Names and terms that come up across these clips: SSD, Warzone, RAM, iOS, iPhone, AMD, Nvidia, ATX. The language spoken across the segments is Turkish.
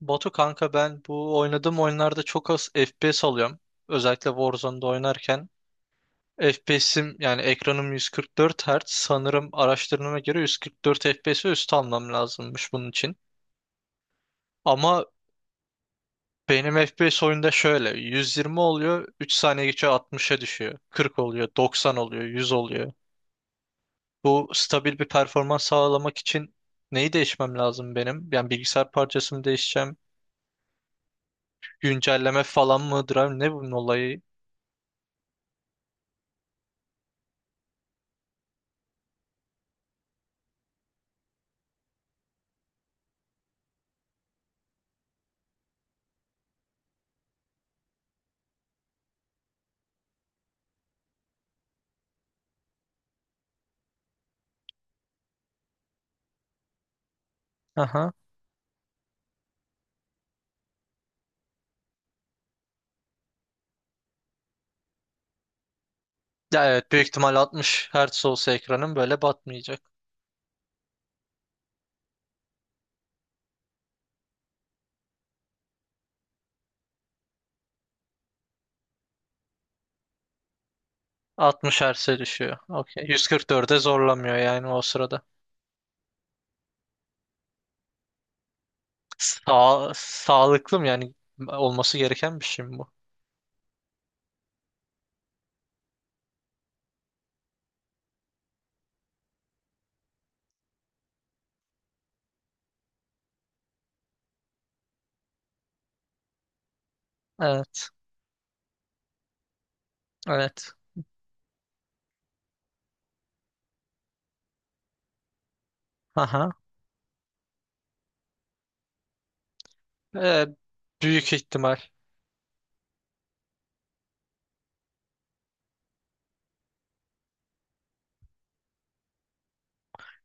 Batu kanka ben bu oynadığım oyunlarda çok az FPS alıyorum. Özellikle Warzone'da oynarken. FPS'im yani ekranım 144 Hz. Sanırım araştırmama göre 144 FPS ve üstü almam lazımmış bunun için. Ama benim FPS oyunda şöyle 120 oluyor, 3 saniye geçiyor, 60'a düşüyor. 40 oluyor, 90 oluyor, 100 oluyor. Bu stabil bir performans sağlamak için neyi değişmem lazım benim? Yani bilgisayar parçası mı değişeceğim? Güncelleme falan mıdır, abi? Ne bunun olayı? Ya evet, büyük ihtimal 60 Hz olsa ekranın böyle batmayacak. 60 Hz'e düşüyor. Okey. 144'e zorlamıyor yani o sırada. Sağlıklı mı yani olması gereken bir şey mi bu? Evet. Evet. Aha. Ee, büyük ihtimal.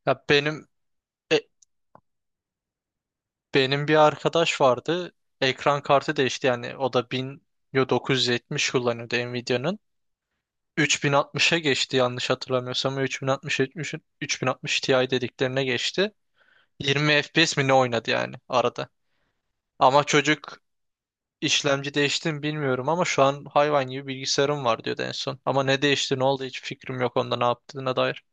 Ya e, benim bir arkadaş vardı. Ekran kartı değişti, yani o da 1970 kullanıyordu Nvidia'nın. 3060'a geçti yanlış hatırlamıyorsam. 3060 Ti dediklerine geçti. 20 FPS mi ne oynadı yani arada. Ama çocuk işlemci değişti mi bilmiyorum, ama şu an hayvan gibi bilgisayarım var diyordu en son. Ama ne değişti, ne oldu hiç fikrim yok onda ne yaptığına dair.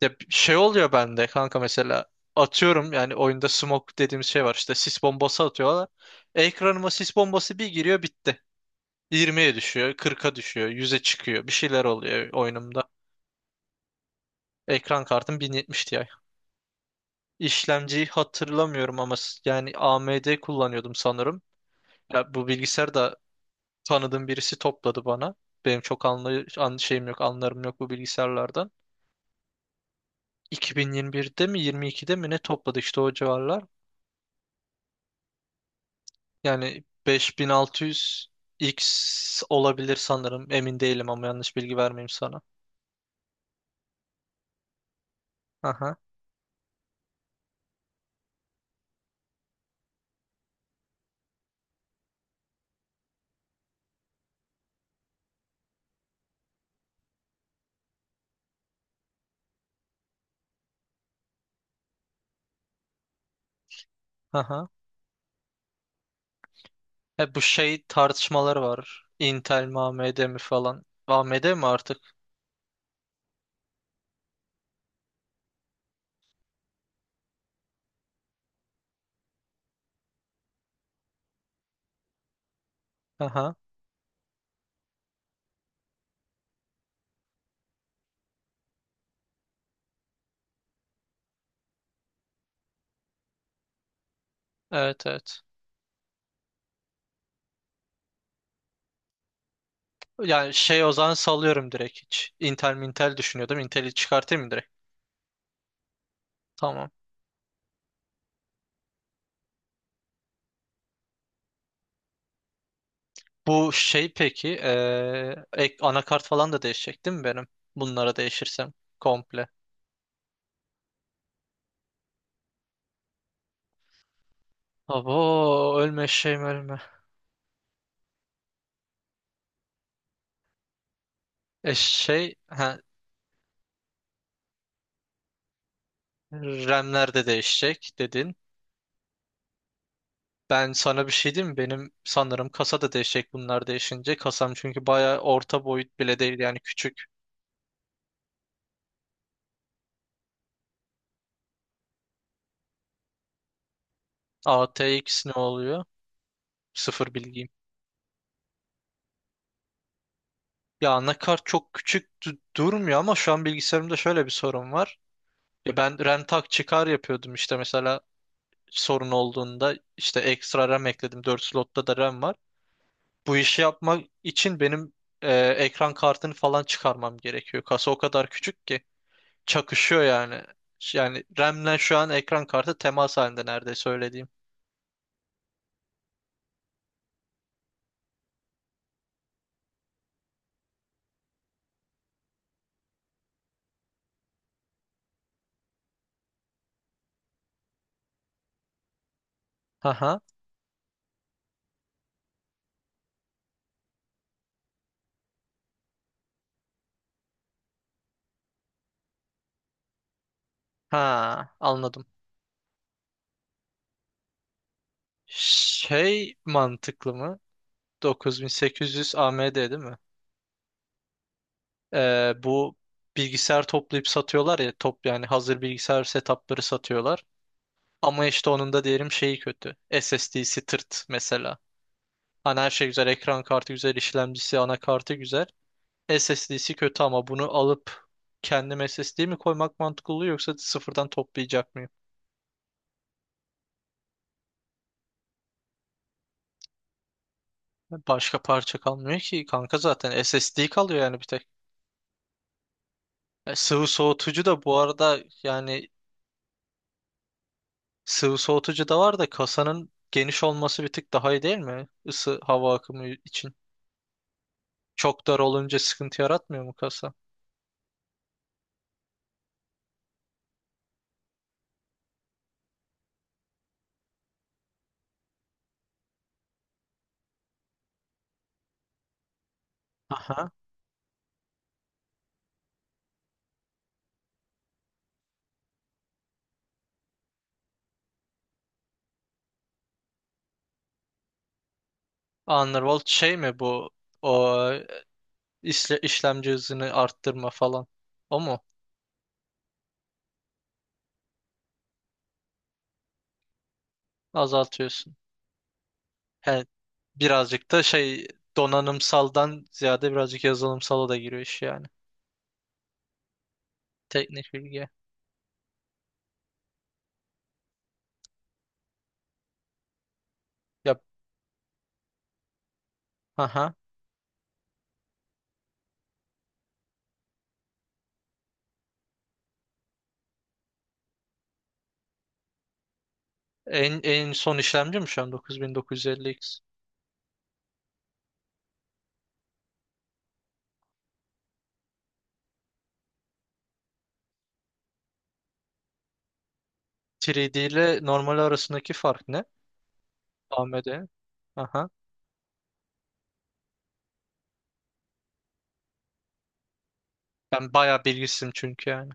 Ya bir şey oluyor bende kanka, mesela atıyorum yani oyunda smoke dediğimiz şey var, işte sis bombası atıyorlar. Ekranıma sis bombası bir giriyor, bitti. 20'ye düşüyor, 40'a düşüyor, 100'e çıkıyor. Bir şeyler oluyor oyunumda. Ekran kartım 1070 Ti. İşlemciyi hatırlamıyorum ama yani AMD kullanıyordum sanırım. Ya bu bilgisayar da tanıdığım birisi topladı bana. Benim çok anlay an şeyim yok, anlarım yok bu bilgisayarlardan. 2021'de mi 22'de mi ne topladı, işte o civarlar. Yani 5600X olabilir sanırım. Emin değilim, ama yanlış bilgi vermeyeyim sana. Aha, aha. Bu şey tartışmaları var. Intel mi AMD mi falan. AMD mi artık? Aha. Evet, evet. Yani şey, o zaman salıyorum direkt hiç. Intel mi Intel düşünüyordum. Intel'i çıkartayım mı direkt? Tamam. Bu şey peki, anakart falan da değişecek değil mi benim? Bunlara değişirsem komple. Abo ölme şeyim ölme. E şey ha, RAM'ler de değişecek dedin. Ben sana bir şey diyeyim mi? Benim sanırım kasa da değişecek bunlar değişince. Kasam çünkü baya orta boyut bile değil, yani küçük. ATX ne oluyor? Sıfır bilgiyim. Ya anakart çok küçük durmuyor, ama şu an bilgisayarımda şöyle bir sorun var. Ya ben RAM tak çıkar yapıyordum işte, mesela sorun olduğunda işte ekstra RAM ekledim. Dört slotta da RAM var. Bu işi yapmak için benim ekran kartını falan çıkarmam gerekiyor. Kasa o kadar küçük ki çakışıyor yani. Yani RAM'le şu an ekran kartı temas halinde neredeyse, öyle diyeyim. Aha. Ha, anladım. Şey mantıklı mı? 9800 AMD değil mi? Bu bilgisayar toplayıp satıyorlar ya, top yani hazır bilgisayar setupları satıyorlar. Ama işte onun da diyelim şeyi kötü. SSD'si tırt mesela. Hani her şey güzel, ekran kartı güzel, işlemcisi, anakartı güzel. SSD'si kötü, ama bunu alıp kendim SSD mi koymak mantıklı oluyor, yoksa sıfırdan toplayacak mıyım? Başka parça kalmıyor ki kanka, zaten SSD kalıyor yani bir tek. Sıvı soğutucu da bu arada, yani sıvı soğutucu da var da kasanın geniş olması bir tık daha iyi değil mi? Isı hava akımı için. Çok dar olunca sıkıntı yaratmıyor mu kasa? Aha. Underworld şey mi bu? O işlemci hızını arttırma falan. O mu? Azaltıyorsun. He, birazcık da şey, donanımsaldan ziyade birazcık yazılımsala da giriyor iş yani. Teknik bilgi. Yap. Aha. En son işlemci mi şu an 9950X? 3D ile normal arasındaki fark ne? AMD. Aha. Ben bayağı bilgisizim çünkü yani.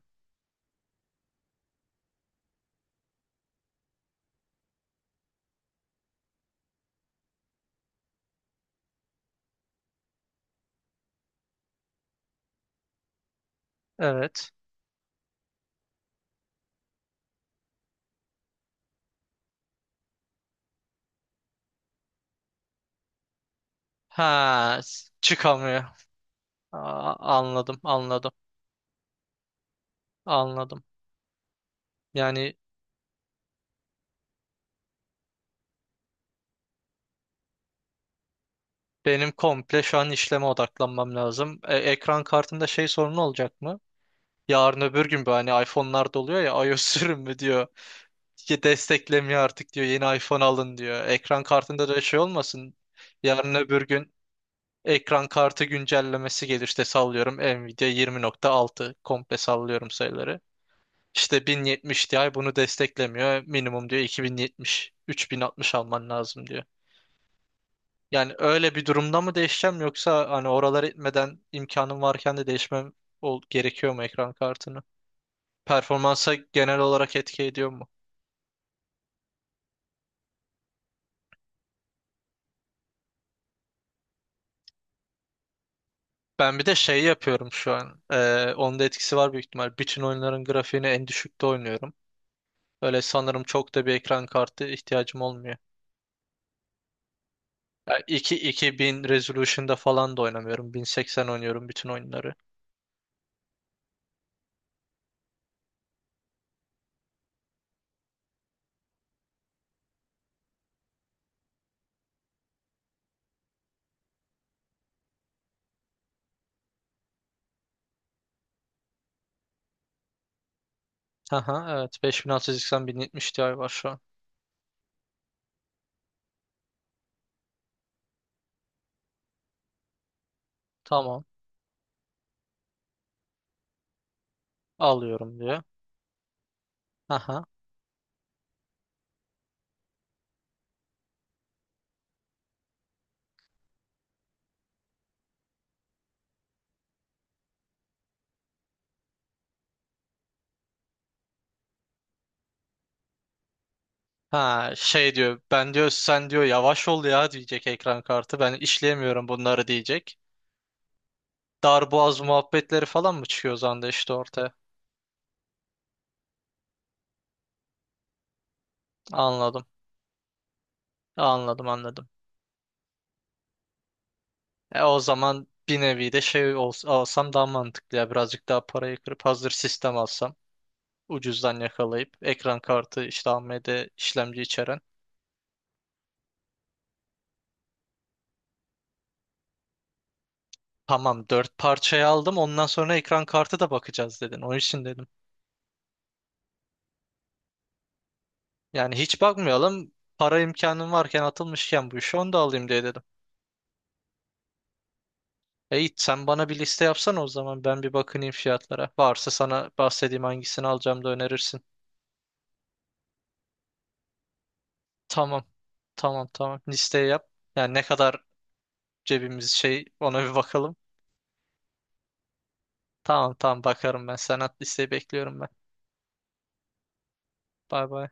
Evet. Ha, çıkamıyor. Aa, anladım, anladım, anladım. Yani benim komple şu an işleme odaklanmam lazım. Ekran kartında şey sorunu olacak mı? Yarın öbür gün bu, hani iPhone'larda oluyor ya iOS sürümü diyor. Ki desteklemiyor artık diyor. Yeni iPhone alın diyor. Ekran kartında da şey olmasın. Yarın öbür gün ekran kartı güncellemesi gelir. İşte sallıyorum, Nvidia 20.6, komple sallıyorum sayıları. İşte 1070 Ti bunu desteklemiyor. Minimum diyor 2070, 3060 alman lazım diyor. Yani öyle bir durumda mı değişeceğim, yoksa hani oralar etmeden imkanım varken de değişmem ol gerekiyor mu ekran kartını? Performansa genel olarak etki ediyor mu? Ben bir de şey yapıyorum şu an. Onun da etkisi var büyük ihtimal. Bütün oyunların grafiğini en düşükte oynuyorum. Öyle sanırım çok da bir ekran kartı ihtiyacım olmuyor. Yani 2 2000 resolution'da falan da oynamıyorum. 1080 oynuyorum bütün oyunları. Aha, evet, 5680 1070 Ti var şu an. Tamam, alıyorum diyor. Ha şey diyor, ben diyor sen diyor yavaş ol ya, diyecek ekran kartı, ben işleyemiyorum bunları diyecek. Darboğaz muhabbetleri falan mı çıkıyor o zaman da işte ortaya. Anladım, anladım, anladım. O zaman bir nevi de şey alsam daha mantıklı, ya birazcık daha parayı kırıp hazır sistem alsam ucuzdan yakalayıp ekran kartı işte AMD işlemci içeren. Tamam, dört parçayı aldım, ondan sonra ekran kartı da bakacağız dedin onun için dedim. Yani hiç bakmayalım, para imkanım varken atılmışken bu işe onu da alayım diye dedim. Yiğit, sen bana bir liste yapsana o zaman. Ben bir bakınayım fiyatlara. Varsa sana bahsedeyim hangisini alacağım da önerirsin. Tamam. Tamam, tamam. Listeyi yap. Yani ne kadar cebimiz şey, ona bir bakalım. Tamam, tamam, bakarım ben. Sen at listeyi, bekliyorum ben. Bay bay.